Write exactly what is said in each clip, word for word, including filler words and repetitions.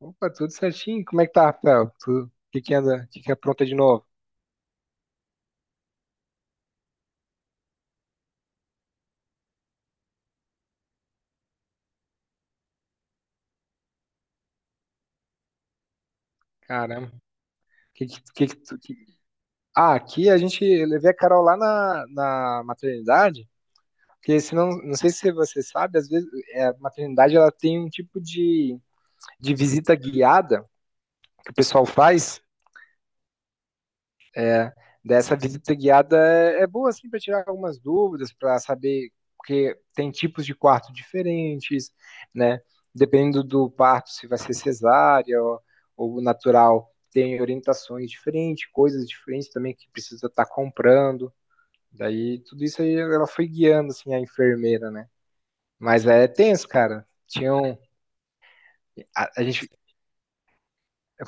Opa, tudo certinho? Como é que tá, Rafael? Tu- O que que anda? O que que apronta de novo? Caramba. Que, que, que, que, tu- que- Ah, aqui a gente eu levei a Carol lá na, na maternidade, porque senão, não sei se você sabe, às vezes é, a maternidade ela tem um tipo de, de visita guiada que o pessoal faz. Dessa visita guiada é, é boa assim para tirar algumas dúvidas, para saber porque tem tipos de quarto diferentes, né? Dependendo do parto, se vai ser cesárea ou, ou natural, tem orientações diferentes, coisas diferentes também que precisa estar comprando. Daí tudo isso aí ela foi guiando assim a enfermeira, né? Mas é tenso, cara. Tinham a, a gente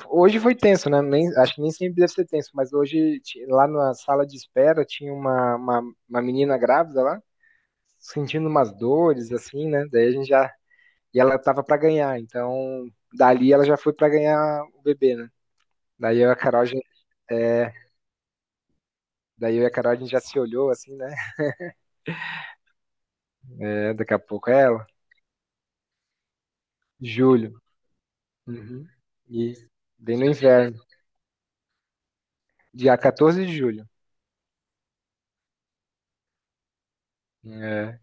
Hoje foi tenso, né? Nem, acho que nem sempre deve ser tenso, mas hoje, ti- lá na sala de espera, tinha uma, uma, uma menina grávida lá, sentindo umas dores, assim, né? Daí a gente já. E ela tava pra ganhar, então dali ela já foi pra ganhar o bebê, né? Daí eu e a Carol, já- é, daí eu e a Carol a gente já se olhou, assim, né? É, daqui a pouco é ela. Julho. Uhum. E bem no inverno. Dia quatorze de julho. É.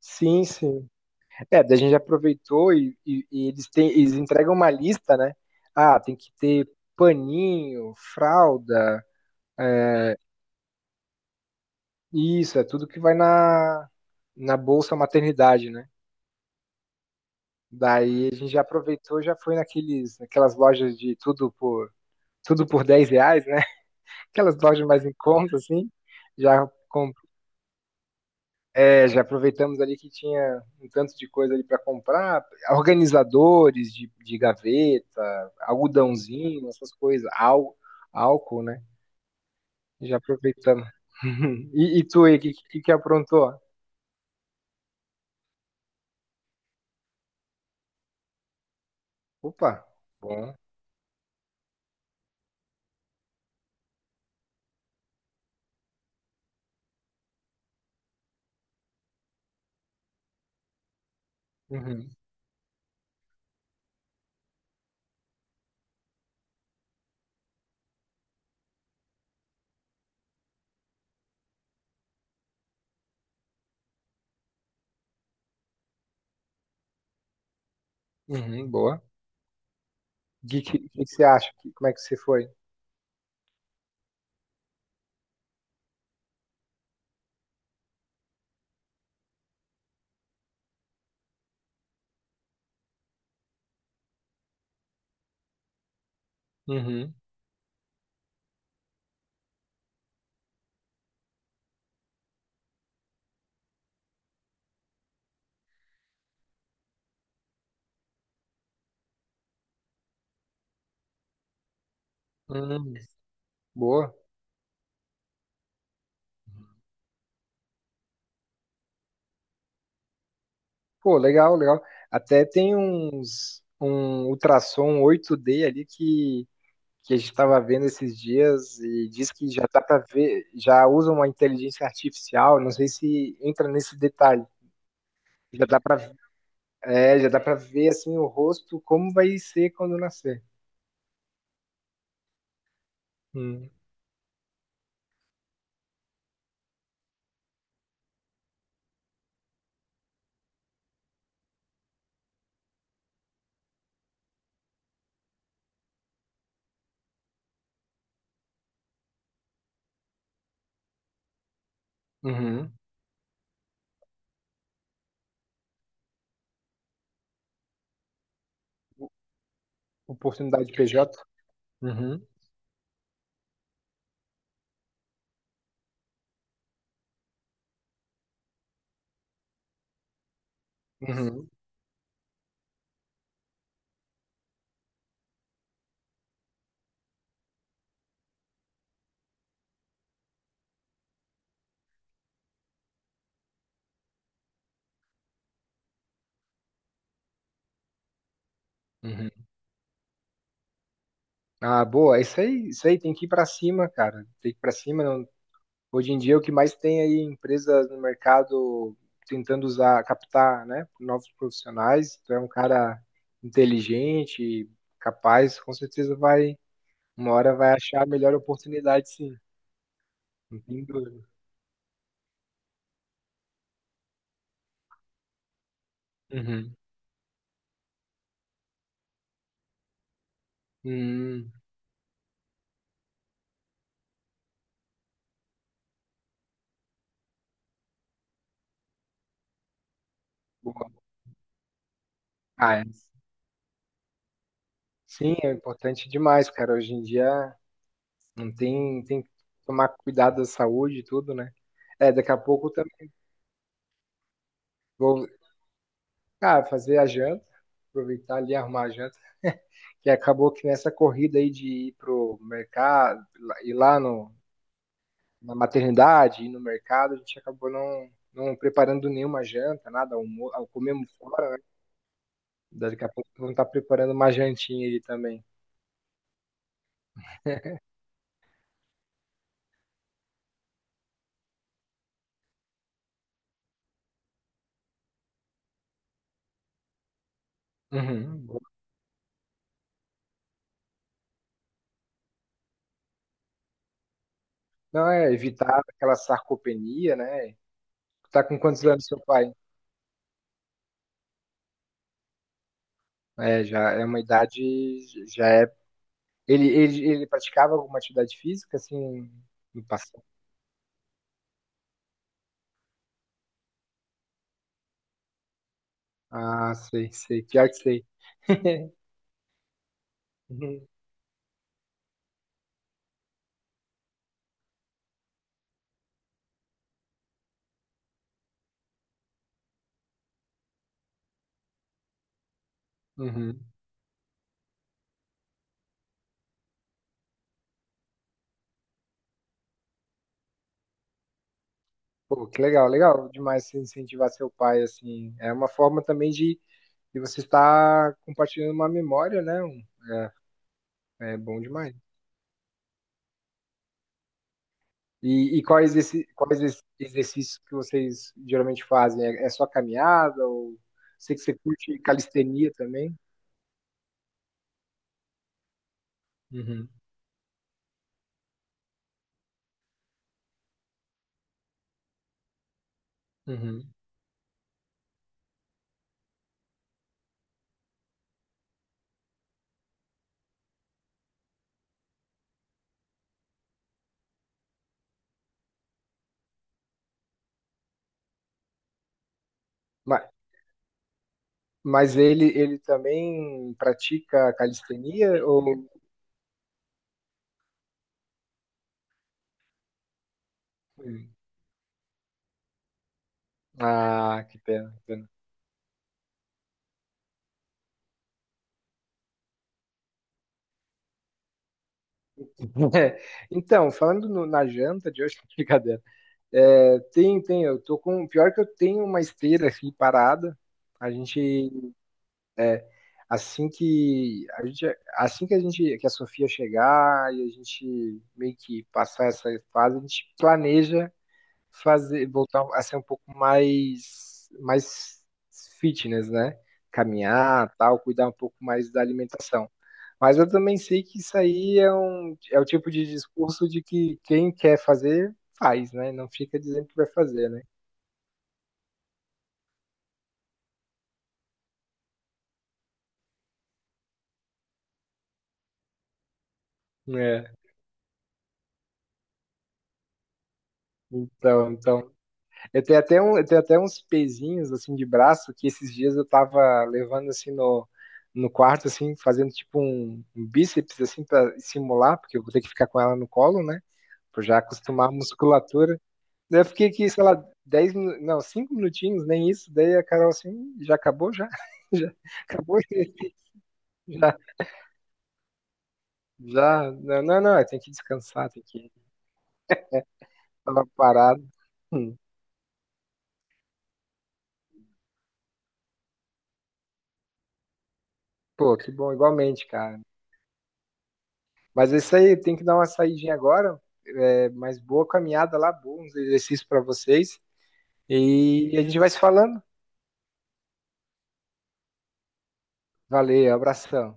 Sim, sim. É, daí a gente aproveitou e, e- e eles, têm, eles entregam uma lista, né? Ah, tem que ter paninho, fralda, é, isso, é tudo que vai na, na Bolsa Maternidade, né? Daí a gente já aproveitou, já foi naqueles, naquelas lojas de tudo por, tudo por dez reais, né? Aquelas lojas mais em conta, assim, já. É, já aproveitamos ali que tinha um tanto de coisa ali para comprar, organizadores de, de gaveta, algodãozinho, essas coisas, ál, álcool, né? Já aproveitamos. E, e tu aí, o que, que, que aprontou? Opa, bom. Uhum, uhum, boa. O que, que, que você acha? Que- como é que você foi? Uhum, uhum, boa. Pô, legal, legal. Até tem uns um ultrassom oito dê ali que que a gente estava vendo esses dias e diz que já dá para ver, já usa uma inteligência artificial, não sei se entra nesse detalhe. Já dá para É, já dá para ver assim o rosto como vai ser quando nascer. Hum. Uhum. Oportunidade P J. Uhum. Uhum. Uhum. Ah, boa. É isso aí, isso aí tem que ir para cima, cara. Tem que ir para cima. Não Hoje em dia, o que mais tem aí empresas no mercado tentando usar, captar, né, novos profissionais. Tu é um cara inteligente, capaz, com certeza vai, uma hora vai achar a melhor oportunidade, sim. Não tem dúvida. Uhum. Hum, boa. Ah, é. Sim, é importante demais, cara. Hoje em dia não tem, tem que tomar cuidado da saúde e tudo, né? É, daqui a pouco eu também vou, cara, fazer a janta, aproveitar ali, arrumar a janta. Que acabou que nessa corrida aí de ir pro mercado, ir lá no, na maternidade, ir no mercado, a gente acabou não, não preparando nenhuma janta, nada, almo, ah, comemos fora, daqui a pouco vamos estar preparando uma jantinha aí também. Uhum. Não, é evitar aquela sarcopenia, né? Tá com quantos anos seu pai? É, já é uma idade, já é. Ele, ele, ele praticava alguma atividade física, assim, no passado? Ah, sei, sei, pior que sei. Uhum. Pô, que legal, legal demais você incentivar seu pai, assim. É uma forma também de, de você estar compartilhando uma memória, né? Um- É bom demais. E, e quais, esse, quais ex- exercícios que vocês geralmente fazem? É, é só caminhada ou sei que você curte calistenia também? Uhum, uhum. Mas, mas ele, ele também pratica calistenia ou... Hum. Ah, que pena, que pena. É, então, falando no- na janta de hoje, brincadeira. É, tem, tem, eu tô com. Pior que eu tenho uma esteira aqui parada. A gente, assim que a gente, assim que a gente, Que a Sofia chegar e a gente meio que passar essa fase, a gente planeja fazer, voltar a ser um pouco mais, mais fitness, né? Caminhar, tal, cuidar um pouco mais da alimentação. Mas eu também sei que isso aí é um, é o tipo de discurso de que quem quer fazer, faz, né? Não fica dizendo que vai fazer, né? É. Então, então, eu tenho até um, eu tenho até uns pezinhos assim de braço que esses dias eu tava levando assim no, no quarto assim, fazendo tipo um, um bíceps assim para simular, porque eu vou ter que ficar com ela no colo, né? Pra já acostumar a musculatura. Daí eu fiquei aqui, sei lá, dez minu- não, cinco minutinhos, nem isso. Daí a Carol assim, já acabou já. Já acabou já, já. Não, não, não, tem que descansar, tem que tava parado. Hum. Pô, que bom, igualmente, cara. Mas é isso aí, tem que dar uma saidinha agora. É, mas boa caminhada lá, bons exercícios para vocês. E a gente vai se falando. Valeu, abração.